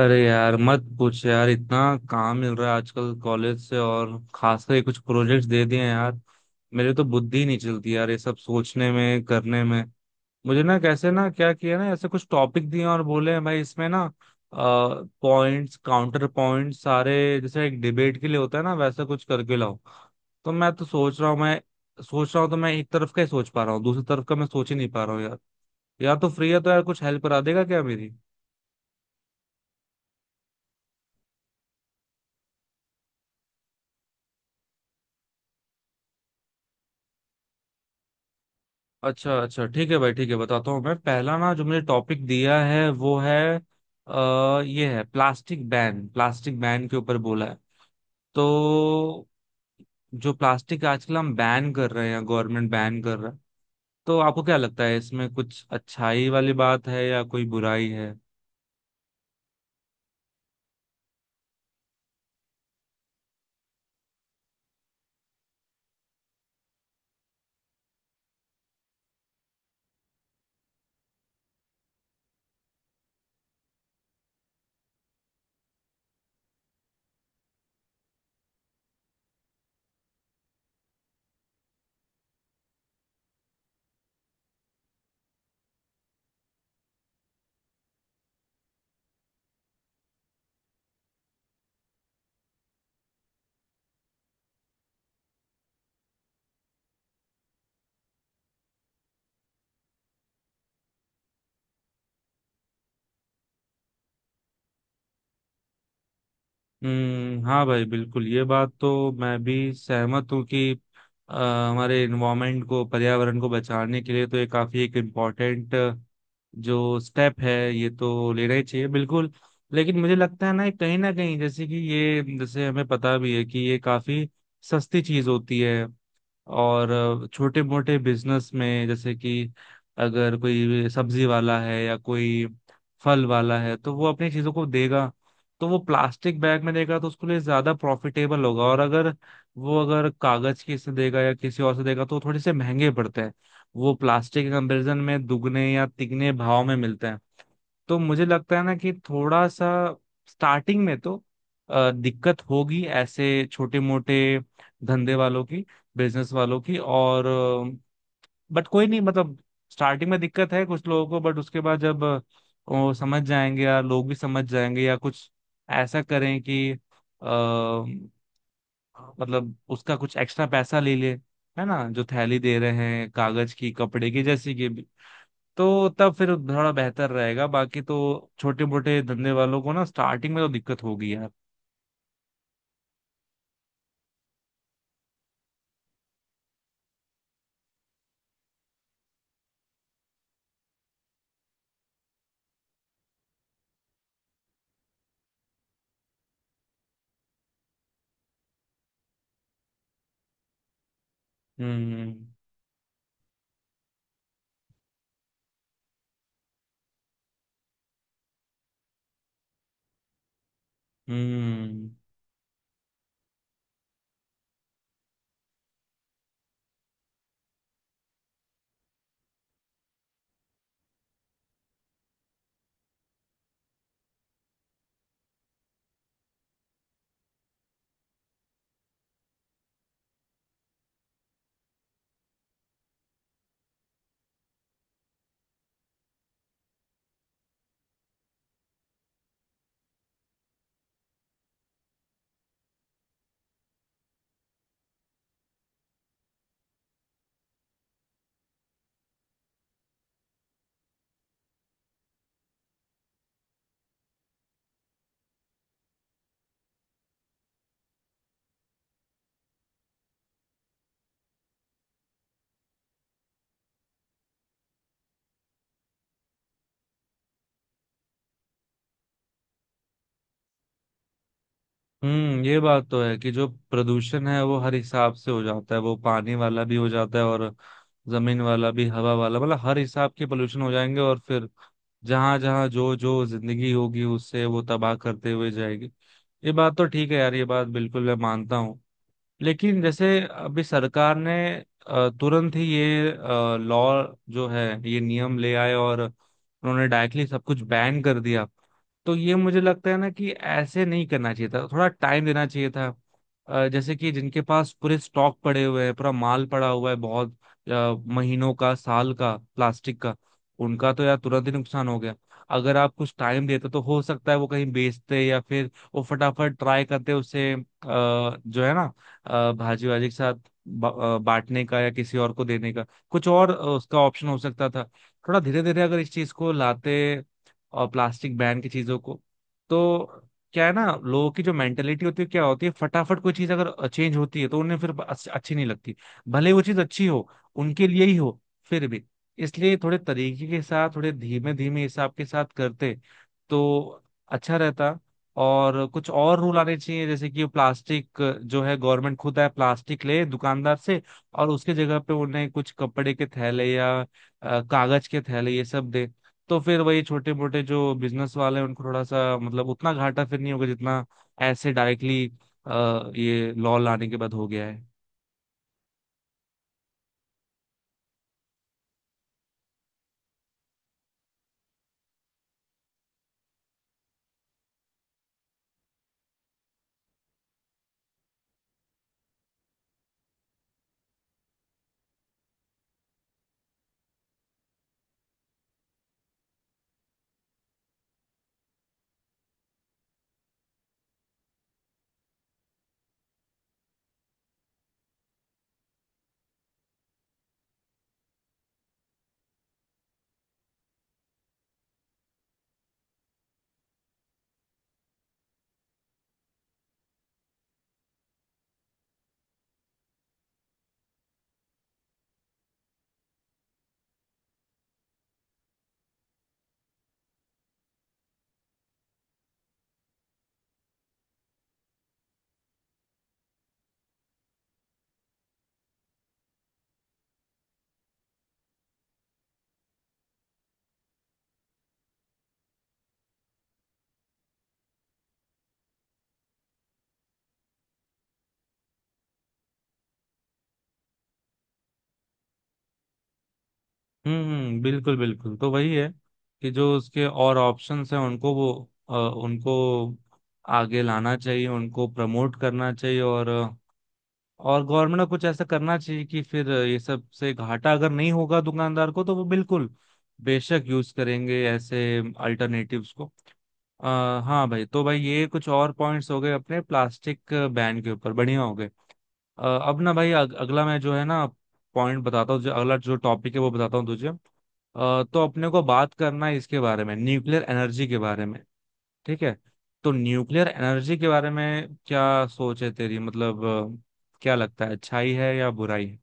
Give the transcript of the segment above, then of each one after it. अरे यार मत पूछ यार। इतना काम मिल रहा है आजकल कॉलेज से, और खासकर ये कुछ प्रोजेक्ट्स दे दिए हैं यार। मेरे तो बुद्धि नहीं चलती यार, ये सब सोचने में, करने में। मुझे ना कैसे ना क्या किया ना ऐसे कुछ टॉपिक दिए और बोले हैं, भाई इसमें ना पॉइंट्स काउंटर पॉइंट्स सारे, जैसे एक डिबेट के लिए होता है ना, वैसा कुछ करके लाओ। तो मैं तो सोच रहा हूँ मैं सोच रहा हूँ, तो मैं एक तरफ का ही सोच पा रहा हूँ, दूसरी तरफ का मैं सोच ही नहीं पा रहा हूँ यार। यार, तो फ्री है तो यार, कुछ हेल्प करा देगा क्या मेरी? अच्छा अच्छा, ठीक है भाई, ठीक है, बताता हूँ। मैं पहला ना जो मुझे टॉपिक दिया है वो है, ये है प्लास्टिक बैन। प्लास्टिक बैन के ऊपर बोला है। तो जो प्लास्टिक आजकल हम बैन कर रहे हैं, गवर्नमेंट बैन कर रहा है, तो आपको क्या लगता है, इसमें कुछ अच्छाई वाली बात है या कोई बुराई है? हम्म। हाँ भाई बिल्कुल, ये बात तो मैं भी सहमत हूँ कि हमारे इन्वायरमेंट को, पर्यावरण को बचाने के लिए तो ये काफी एक इम्पोर्टेंट जो स्टेप है, ये तो लेना ही चाहिए बिल्कुल। लेकिन मुझे लगता है ना, कहीं ना कहीं, जैसे कि ये, जैसे हमें पता भी है कि ये काफी सस्ती चीज होती है। और छोटे मोटे बिजनेस में, जैसे कि अगर कोई सब्जी वाला है या कोई फल वाला है, तो वो अपनी चीजों को देगा, तो वो प्लास्टिक बैग में देगा, तो उसके लिए ज्यादा प्रॉफिटेबल होगा। और अगर वो अगर कागज की से देगा या किसी और से देगा तो थोड़े से महंगे पड़ते हैं। वो प्लास्टिक के कंपेरिजन में दुगने या तिगने भाव में मिलते हैं। तो मुझे लगता है ना कि थोड़ा सा स्टार्टिंग में तो दिक्कत होगी ऐसे छोटे मोटे धंधे वालों की, बिजनेस वालों की। और बट कोई नहीं, मतलब स्टार्टिंग में दिक्कत है कुछ लोगों को, बट उसके बाद जब वो समझ जाएंगे, या लोग भी समझ जाएंगे, या कुछ ऐसा करें कि अ, मतलब उसका कुछ एक्स्ट्रा पैसा ले ले, है ना, जो थैली दे रहे हैं कागज की, कपड़े की जैसी की, तो तब फिर थोड़ा बेहतर रहेगा। बाकी तो छोटे मोटे धंधे वालों को ना स्टार्टिंग में तो दिक्कत होगी यार। हम्म हम्म हम्म। ये बात तो है कि जो प्रदूषण है वो हर हिसाब से हो जाता है। वो पानी वाला भी हो जाता है, और जमीन वाला भी, हवा वाला, मतलब हर हिसाब के पोल्यूशन हो जाएंगे। और फिर जहां जहां जो जो जिंदगी होगी उससे वो तबाह करते हुए जाएगी। ये बात तो ठीक है यार, ये बात बिल्कुल मैं मानता हूँ। लेकिन जैसे अभी सरकार ने तुरंत ही ये लॉ जो है, ये नियम ले आए और उन्होंने डायरेक्टली सब कुछ बैन कर दिया। तो ये मुझे लगता है ना कि ऐसे नहीं करना चाहिए था, थोड़ा टाइम देना चाहिए था। जैसे कि जिनके पास पूरे स्टॉक पड़े हुए हैं, पूरा माल पड़ा हुआ है, बहुत अ, महीनों का, साल का प्लास्टिक का, उनका तो यार तुरंत ही नुकसान हो गया। अगर आप कुछ टाइम देते तो हो सकता है वो कहीं बेचते, या फिर वो फटाफट ट्राई करते उसे, जो है ना, भाजी वाजी के साथ बांटने का या किसी और को देने का, कुछ और उसका ऑप्शन हो सकता था। थोड़ा धीरे धीरे अगर इस चीज को लाते, और प्लास्टिक बैन की चीजों को, तो क्या है ना, लोगों की जो मेंटेलिटी होती है क्या होती है, फटाफट कोई चीज अगर चेंज होती है तो उन्हें फिर अच्छी नहीं लगती। भले वो चीज अच्छी हो, उनके लिए ही हो, फिर भी। इसलिए थोड़े तरीके के साथ, थोड़े धीमे धीमे हिसाब के साथ करते तो अच्छा रहता। और कुछ और रूल आने चाहिए, जैसे कि प्लास्टिक जो है, गवर्नमेंट खुद आए प्लास्टिक ले दुकानदार से, और उसके जगह पे उन्हें कुछ कपड़े के थैले या कागज के थैले ये सब दे। तो फिर वही छोटे मोटे जो बिजनेस वाले हैं उनको थोड़ा सा, मतलब उतना घाटा फिर नहीं होगा, जितना ऐसे डायरेक्टली ये लॉ लाने के बाद हो गया है। बिल्कुल बिल्कुल, तो वही है कि जो उसके और ऑप्शंस हैं उनको वो, उनको आगे लाना चाहिए, उनको प्रमोट करना चाहिए। और गवर्नमेंट को कुछ ऐसा करना चाहिए कि फिर ये सब से घाटा अगर नहीं होगा दुकानदार को, तो वो बिल्कुल बेशक यूज करेंगे ऐसे अल्टरनेटिव्स को। हाँ भाई, तो भाई ये कुछ और पॉइंट्स हो गए अपने प्लास्टिक बैन के ऊपर, बढ़िया हो गए। अ, अब ना भाई, अगला मैं जो है ना पॉइंट बताता हूँ, जो अगला जो टॉपिक है वो बताता हूँ तुझे। तो अपने को बात करना है इसके बारे में, न्यूक्लियर एनर्जी के बारे में। ठीक है? तो न्यूक्लियर एनर्जी के बारे में क्या सोच है तेरी, मतलब क्या लगता है, अच्छाई है या बुराई है?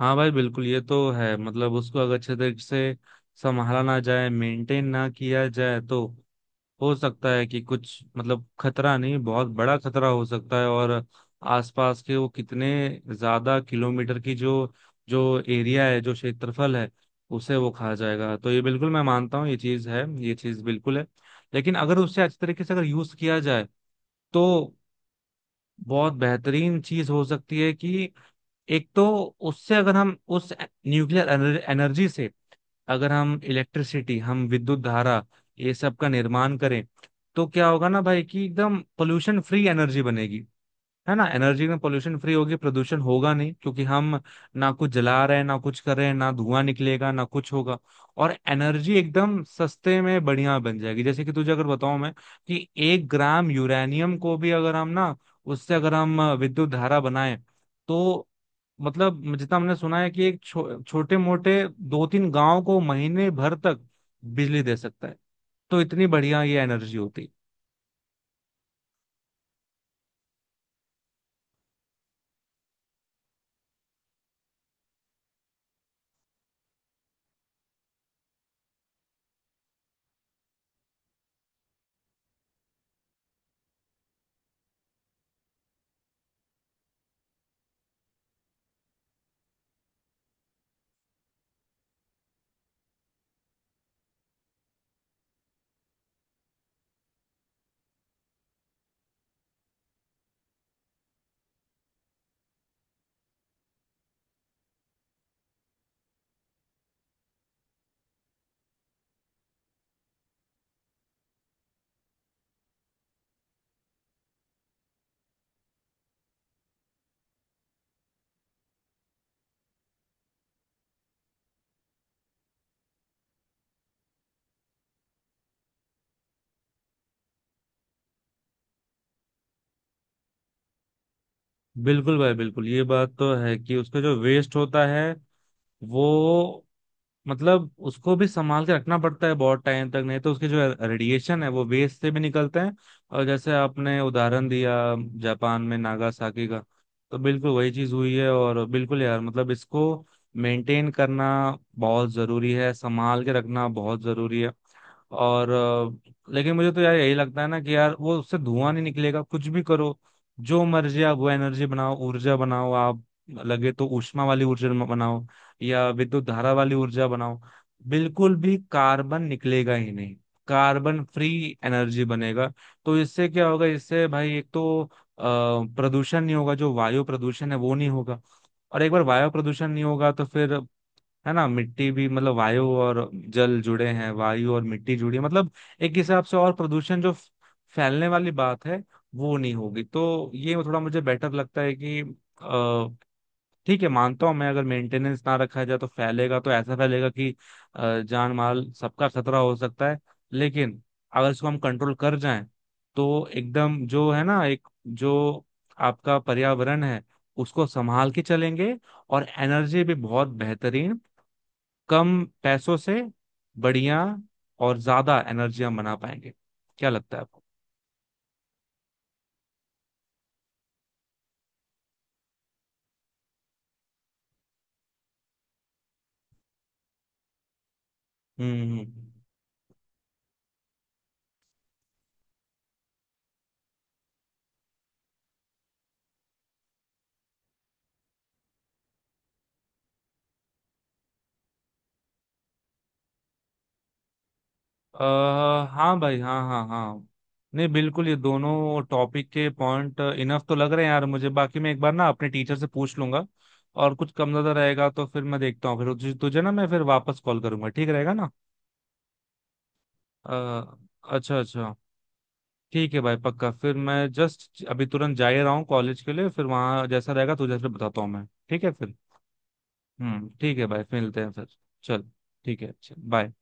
हाँ भाई बिल्कुल, ये तो है, मतलब उसको अगर अच्छे तरीके से संभाला ना जाए, मेंटेन ना किया जाए, तो हो सकता है कि कुछ मतलब खतरा नहीं, बहुत बड़ा खतरा हो सकता है। और आसपास के वो कितने ज्यादा किलोमीटर की जो जो एरिया है, जो क्षेत्रफल है, उसे वो खा जाएगा। तो ये बिल्कुल मैं मानता हूँ, ये चीज है, ये चीज बिल्कुल है। लेकिन अगर उससे अच्छे तरीके से अगर यूज किया जाए तो बहुत बेहतरीन चीज हो सकती है। कि एक तो उससे अगर हम उस न्यूक्लियर एनर्जी से अगर हम इलेक्ट्रिसिटी, हम विद्युत धारा ये सब का निर्माण करें, तो क्या होगा ना भाई, कि एकदम पोल्यूशन फ्री एनर्जी बनेगी। है ना, एनर्जी में पोल्यूशन फ्री होगी, प्रदूषण होगा नहीं, क्योंकि हम ना कुछ जला रहे हैं ना कुछ कर रहे हैं, ना धुआं निकलेगा ना कुछ होगा। और एनर्जी एकदम सस्ते में बढ़िया बन जाएगी। जैसे कि तुझे अगर बताऊं मैं कि एक ग्राम यूरेनियम को भी अगर हम ना, उससे अगर हम विद्युत धारा बनाए, तो मतलब जितना हमने सुना है कि एक छोटे मोटे दो तीन गांव को महीने भर तक बिजली दे सकता है। तो इतनी बढ़िया ये एनर्जी होती। बिल्कुल भाई बिल्कुल, ये बात तो है कि उसका जो वेस्ट होता है वो, मतलब उसको भी संभाल के रखना पड़ता है बहुत टाइम तक, नहीं तो उसके जो रेडिएशन है वो वेस्ट से भी निकलते हैं। और जैसे आपने उदाहरण दिया जापान में नागासाकी का, तो बिल्कुल वही चीज हुई है। और बिल्कुल यार, मतलब इसको मेंटेन करना बहुत जरूरी है, संभाल के रखना बहुत जरूरी है। और लेकिन मुझे तो यार यही लगता है ना कि यार वो उससे धुआं नहीं निकलेगा कुछ भी करो। जो मर्जी आप वो एनर्जी बनाओ, ऊर्जा बनाओ आप, लगे तो ऊष्मा वाली ऊर्जा बनाओ या विद्युत धारा वाली ऊर्जा बनाओ, बिल्कुल भी कार्बन निकलेगा ही नहीं। कार्बन फ्री एनर्जी बनेगा। तो इससे क्या होगा, इससे भाई एक तो प्रदूषण नहीं होगा, जो वायु प्रदूषण है वो नहीं होगा। और एक बार वायु प्रदूषण नहीं होगा तो फिर, है ना, मिट्टी भी, मतलब वायु और जल जुड़े हैं, वायु और मिट्टी जुड़ी है, मतलब एक हिसाब से और प्रदूषण जो फैलने वाली बात है वो नहीं होगी। तो ये थोड़ा मुझे बेटर लगता है कि अ, ठीक है, मानता हूँ मैं अगर मेंटेनेंस ना रखा जाए तो फैलेगा, तो ऐसा फैलेगा कि जान माल सबका खतरा हो सकता है। लेकिन अगर इसको हम कंट्रोल कर जाएं तो एकदम जो है ना, एक जो आपका पर्यावरण है उसको संभाल के चलेंगे, और एनर्जी भी बहुत बेहतरीन, कम पैसों से बढ़िया और ज्यादा एनर्जी हम बना पाएंगे। क्या लगता है आपको? हम्म हम्म, हम्म। अ हाँ भाई, हाँ हाँ हाँ। नहीं बिल्कुल, ये दोनों टॉपिक के पॉइंट इनफ तो लग रहे हैं यार मुझे। बाकी मैं एक बार ना अपने टीचर से पूछ लूंगा, और कुछ कम ज्यादा रहेगा तो फिर मैं देखता हूँ। फिर तुझे ना मैं फिर वापस कॉल करूंगा, ठीक रहेगा ना? अ, अच्छा अच्छा, ठीक है भाई। पक्का फिर मैं जस्ट अभी तुरंत जा ही रहा हूँ कॉलेज के लिए, फिर वहाँ जैसा रहेगा तुझे फिर बताता हूँ मैं, ठीक है फिर? हम्म, ठीक है भाई, फिर मिलते हैं फिर। चल, ठीक है, चल बाय।